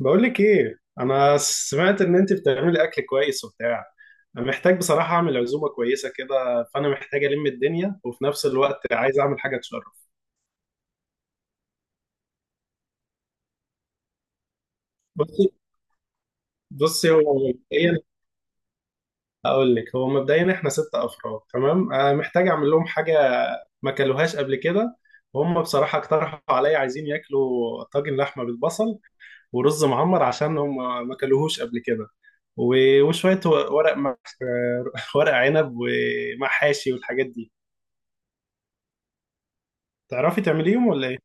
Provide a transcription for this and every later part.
بقول لك ايه؟ انا سمعت ان انت بتعملي اكل كويس وبتاع. انا محتاج بصراحه اعمل عزومه كويسه كده، فانا محتاج الم الدنيا وفي نفس الوقت عايز اعمل حاجه تشرف. بصي، بصي هو مبدئيا هو مبدئيا احنا ست افراد، تمام؟ أنا محتاج اعمل لهم حاجه ما كلوهاش قبل كده. وهم بصراحه اقترحوا عليا، عايزين ياكلوا طاجن لحمه بالبصل ورز معمر، عشان هم ما كلوهوش قبل كده. وشويه ورق. ورق عنب ومحاشي والحاجات دي. تعرفي تعمليهم ولا ايه؟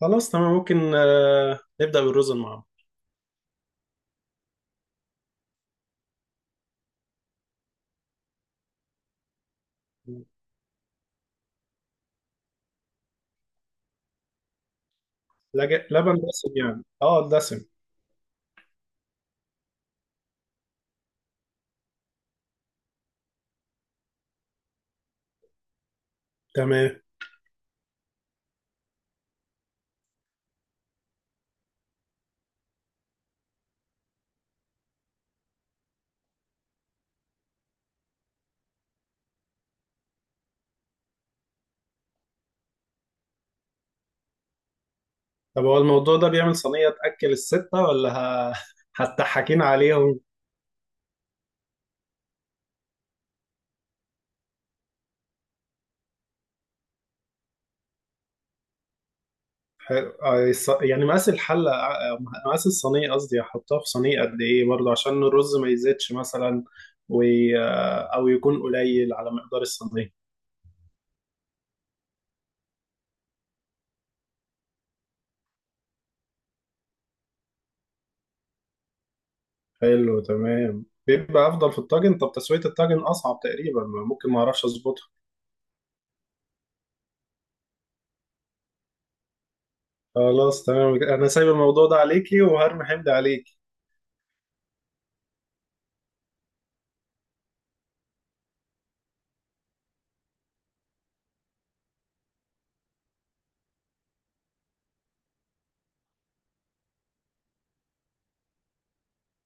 خلاص تمام، ممكن نبدأ بالرز المعمر. لبن دسم يعني، اه دسم. تمام. طب هو الموضوع ده بيعمل صينية تأكل الستة ولا ه- هتضحكين عليهم؟ يعني مقاس الحلة، مقاس الصينية قصدي، هحطها في صينية قد ايه برضه عشان الرز ما يزيدش مثلا و... آه، او يكون قليل على مقدار الصينية. حلو تمام، بيبقى افضل في الطاجن. طب تسوية الطاجن اصعب تقريبا، ممكن ما اعرفش اظبطه. خلاص تمام، انا سايب الموضوع ده عليكي وهرمي حمد عليكي.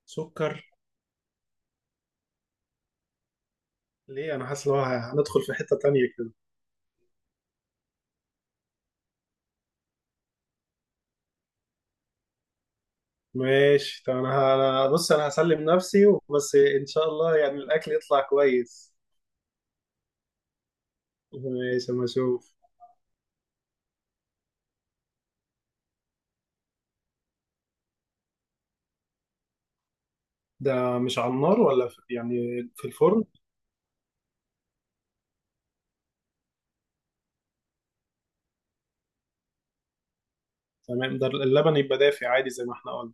سكر؟ ليه؟ انا حاسس ان هو هندخل في حتة تانية كده. ماشي، طب انا بص انا هسلم نفسي، بس ان شاء الله يعني الاكل يطلع كويس. ماشي، اما اشوف. ده مش على النار ولا في يعني، في الفرن؟ تمام، ده اللبن يبقى دافي عادي زي ما احنا قلنا.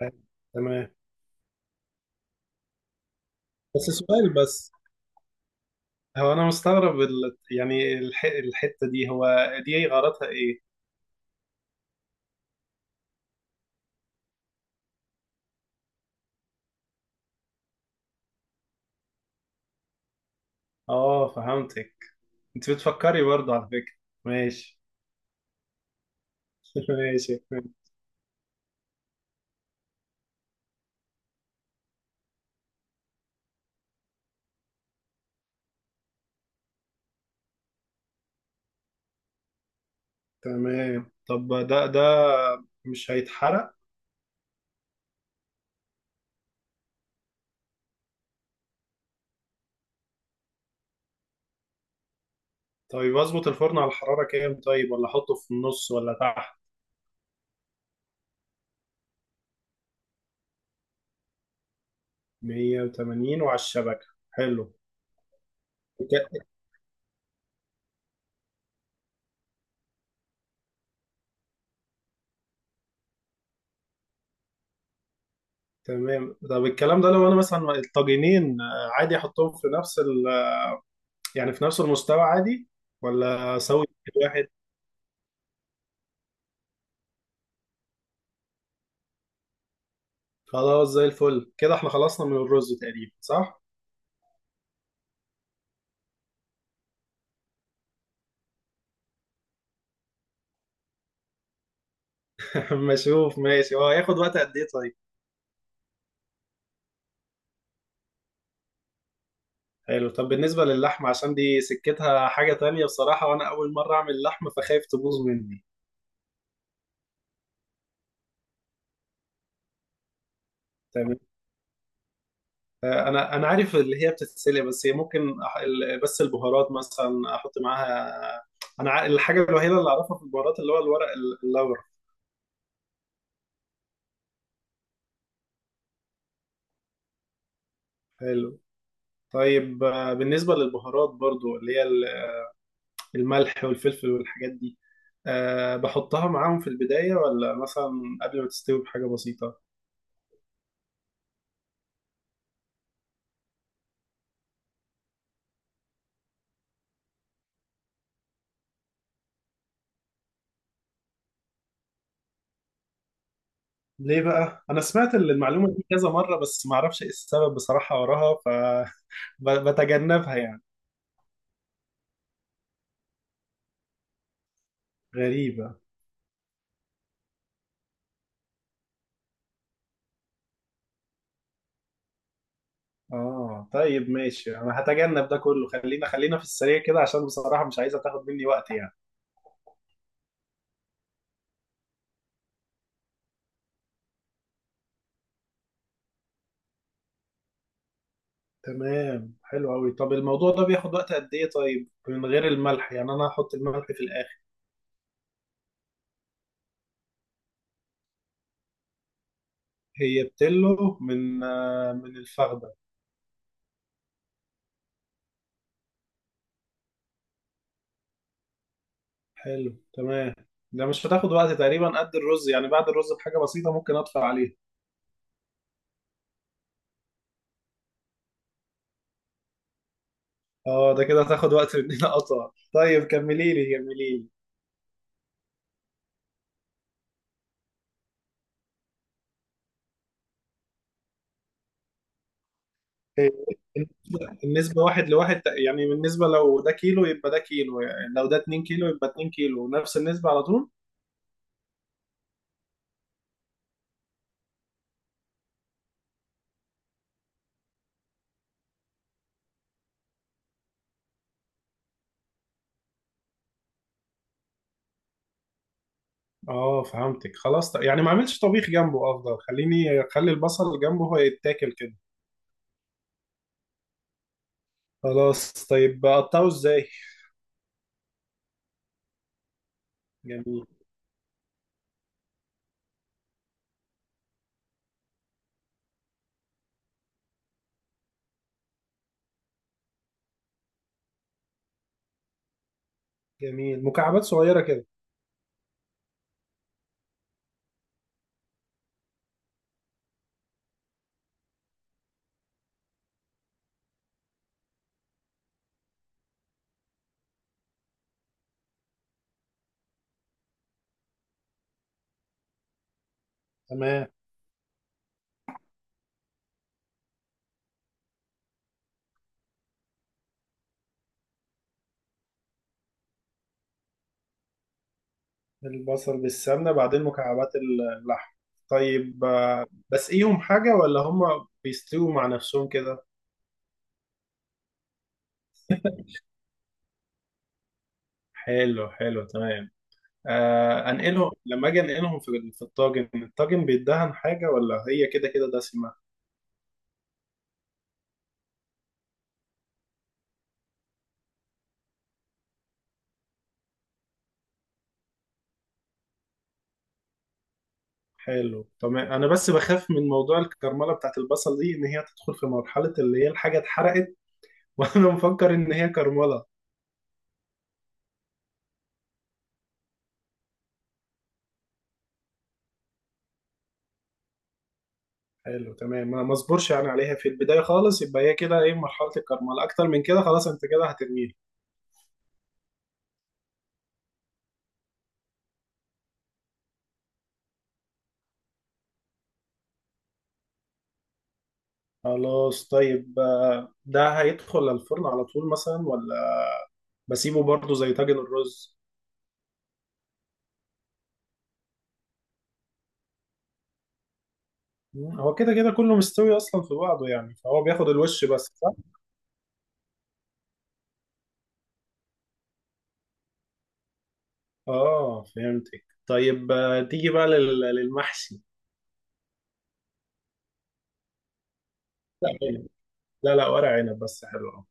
حلو. تمام. بس سؤال بس. هو انا مستغرب الحتة دي، هو دي غرضها ايه؟ اه، فهمتك. انت بتفكري برضه على فكرة. ماشي. ماشي. تمام، طب ده مش هيتحرق؟ طيب اظبط الفرن على الحرارة كام طيب؟ ولا احطه في النص ولا تحت؟ 180 وعلى الشبكة، حلو. الك- تمام. طب الكلام ده لو انا مثلا الطاجنين، عادي احطهم في نفس يعني في نفس المستوى عادي، ولا اسوي واحد؟ خلاص، زي الفل كده، احنا خلصنا من الرز تقريبا، صح؟ اما اشوف. ماشي، هو هياخد وقت قد ايه طيب؟ حلو. طب بالنسبة للحمة، عشان دي سكتها حاجة تانية بصراحة، وأنا أول مرة أعمل لحمة فخايف تبوظ مني. تمام. أنا عارف اللي هي بتتسلق، بس هي ممكن بس البهارات مثلا أحط معاها؟ أنا الحاجة الوحيدة اللي أعرفها في البهارات اللي هو الورق اللورا. حلو. طيب بالنسبة للبهارات برضو اللي هي الملح والفلفل والحاجات دي، أه بحطها معاهم في البداية، ولا مثلا قبل ما تستوي بحاجة بسيطة؟ ليه بقى؟ أنا سمعت المعلومة دي كذا مرة، بس معرفش إيه السبب بصراحة وراها، فبتجنبها يعني. غريبة. آه، طيب ماشي، أنا هتجنب ده كله. خلينا في السريع كده، عشان بصراحة مش عايزة تاخد مني وقت يعني. تمام، حلو أوي. طب الموضوع ده بياخد وقت قد إيه طيب من غير الملح، يعني أنا هحط الملح في الآخر. هي بتلو، من من الفخدة. حلو تمام. ده مش هتاخد وقت تقريبا قد الرز؟ يعني بعد الرز بحاجة بسيطة ممكن أطفي عليها. اه، ده كده هتاخد وقت مننا اطول. طيب كملي لي. إيه، النسبة واحد لواحد؟ يعني بالنسبة لو ده كيلو يبقى ده كيلو، يعني لو ده 2 كيلو يبقى 2 كيلو، نفس النسبة على طول؟ اه فهمتك. خلاص، يعني ما اعملش طبيخ جنبه، افضل خليني اخلي البصل جنبه هو، يتاكل كده. خلاص، طيب اقطعه ازاي؟ جميل. جميل، مكعبات صغيرة كده. تمام. البصل بالسمنة، بعدين مكعبات اللحم. طيب بسقيهم حاجة ولا هما بيستووا مع نفسهم كده؟ حلو، حلو تمام. آه، انقلهم لما اجي انقلهم في في الطاجن. الطاجن بيدهن حاجه، ولا هي كده كده دسمه؟ حلو تمام. انا بس بخاف من موضوع الكرمله بتاعت البصل دي، ان هي تدخل في مرحله اللي هي الحاجه اتحرقت وانا مفكر ان هي كرمله. حلو تمام. ما اصبرش يعني عليها في البدايه خالص، يبقى هي كده ايه مرحله الكرمله؟ اكتر من كده خلاص انت كده هترميه. خلاص طيب، ده هيدخل الفرن على طول مثلا، ولا بسيبه برضه زي طاجن الرز؟ هو كده كده كله مستوي اصلا في بعضه، يعني فهو بياخد الوش بس، صح؟ اه فهمتك. طيب تيجي بقى للمحشي. لا عنب. لا لا، ورق عنب بس، حلو اه.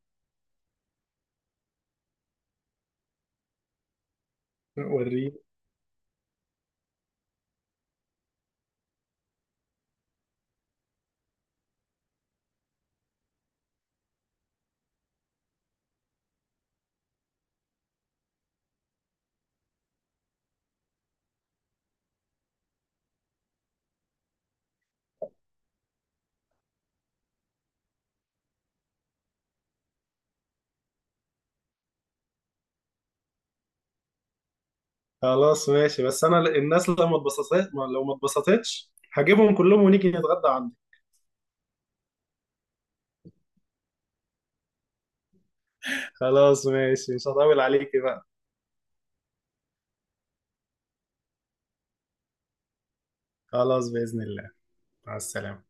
وريني. خلاص ماشي، بس انا الناس لو ما اتبسطت لو ما اتبسطتش هجيبهم كلهم ونيجي نتغدى عندك. خلاص ماشي، مش هطول عليكي بقى. خلاص، بإذن الله. مع السلامة.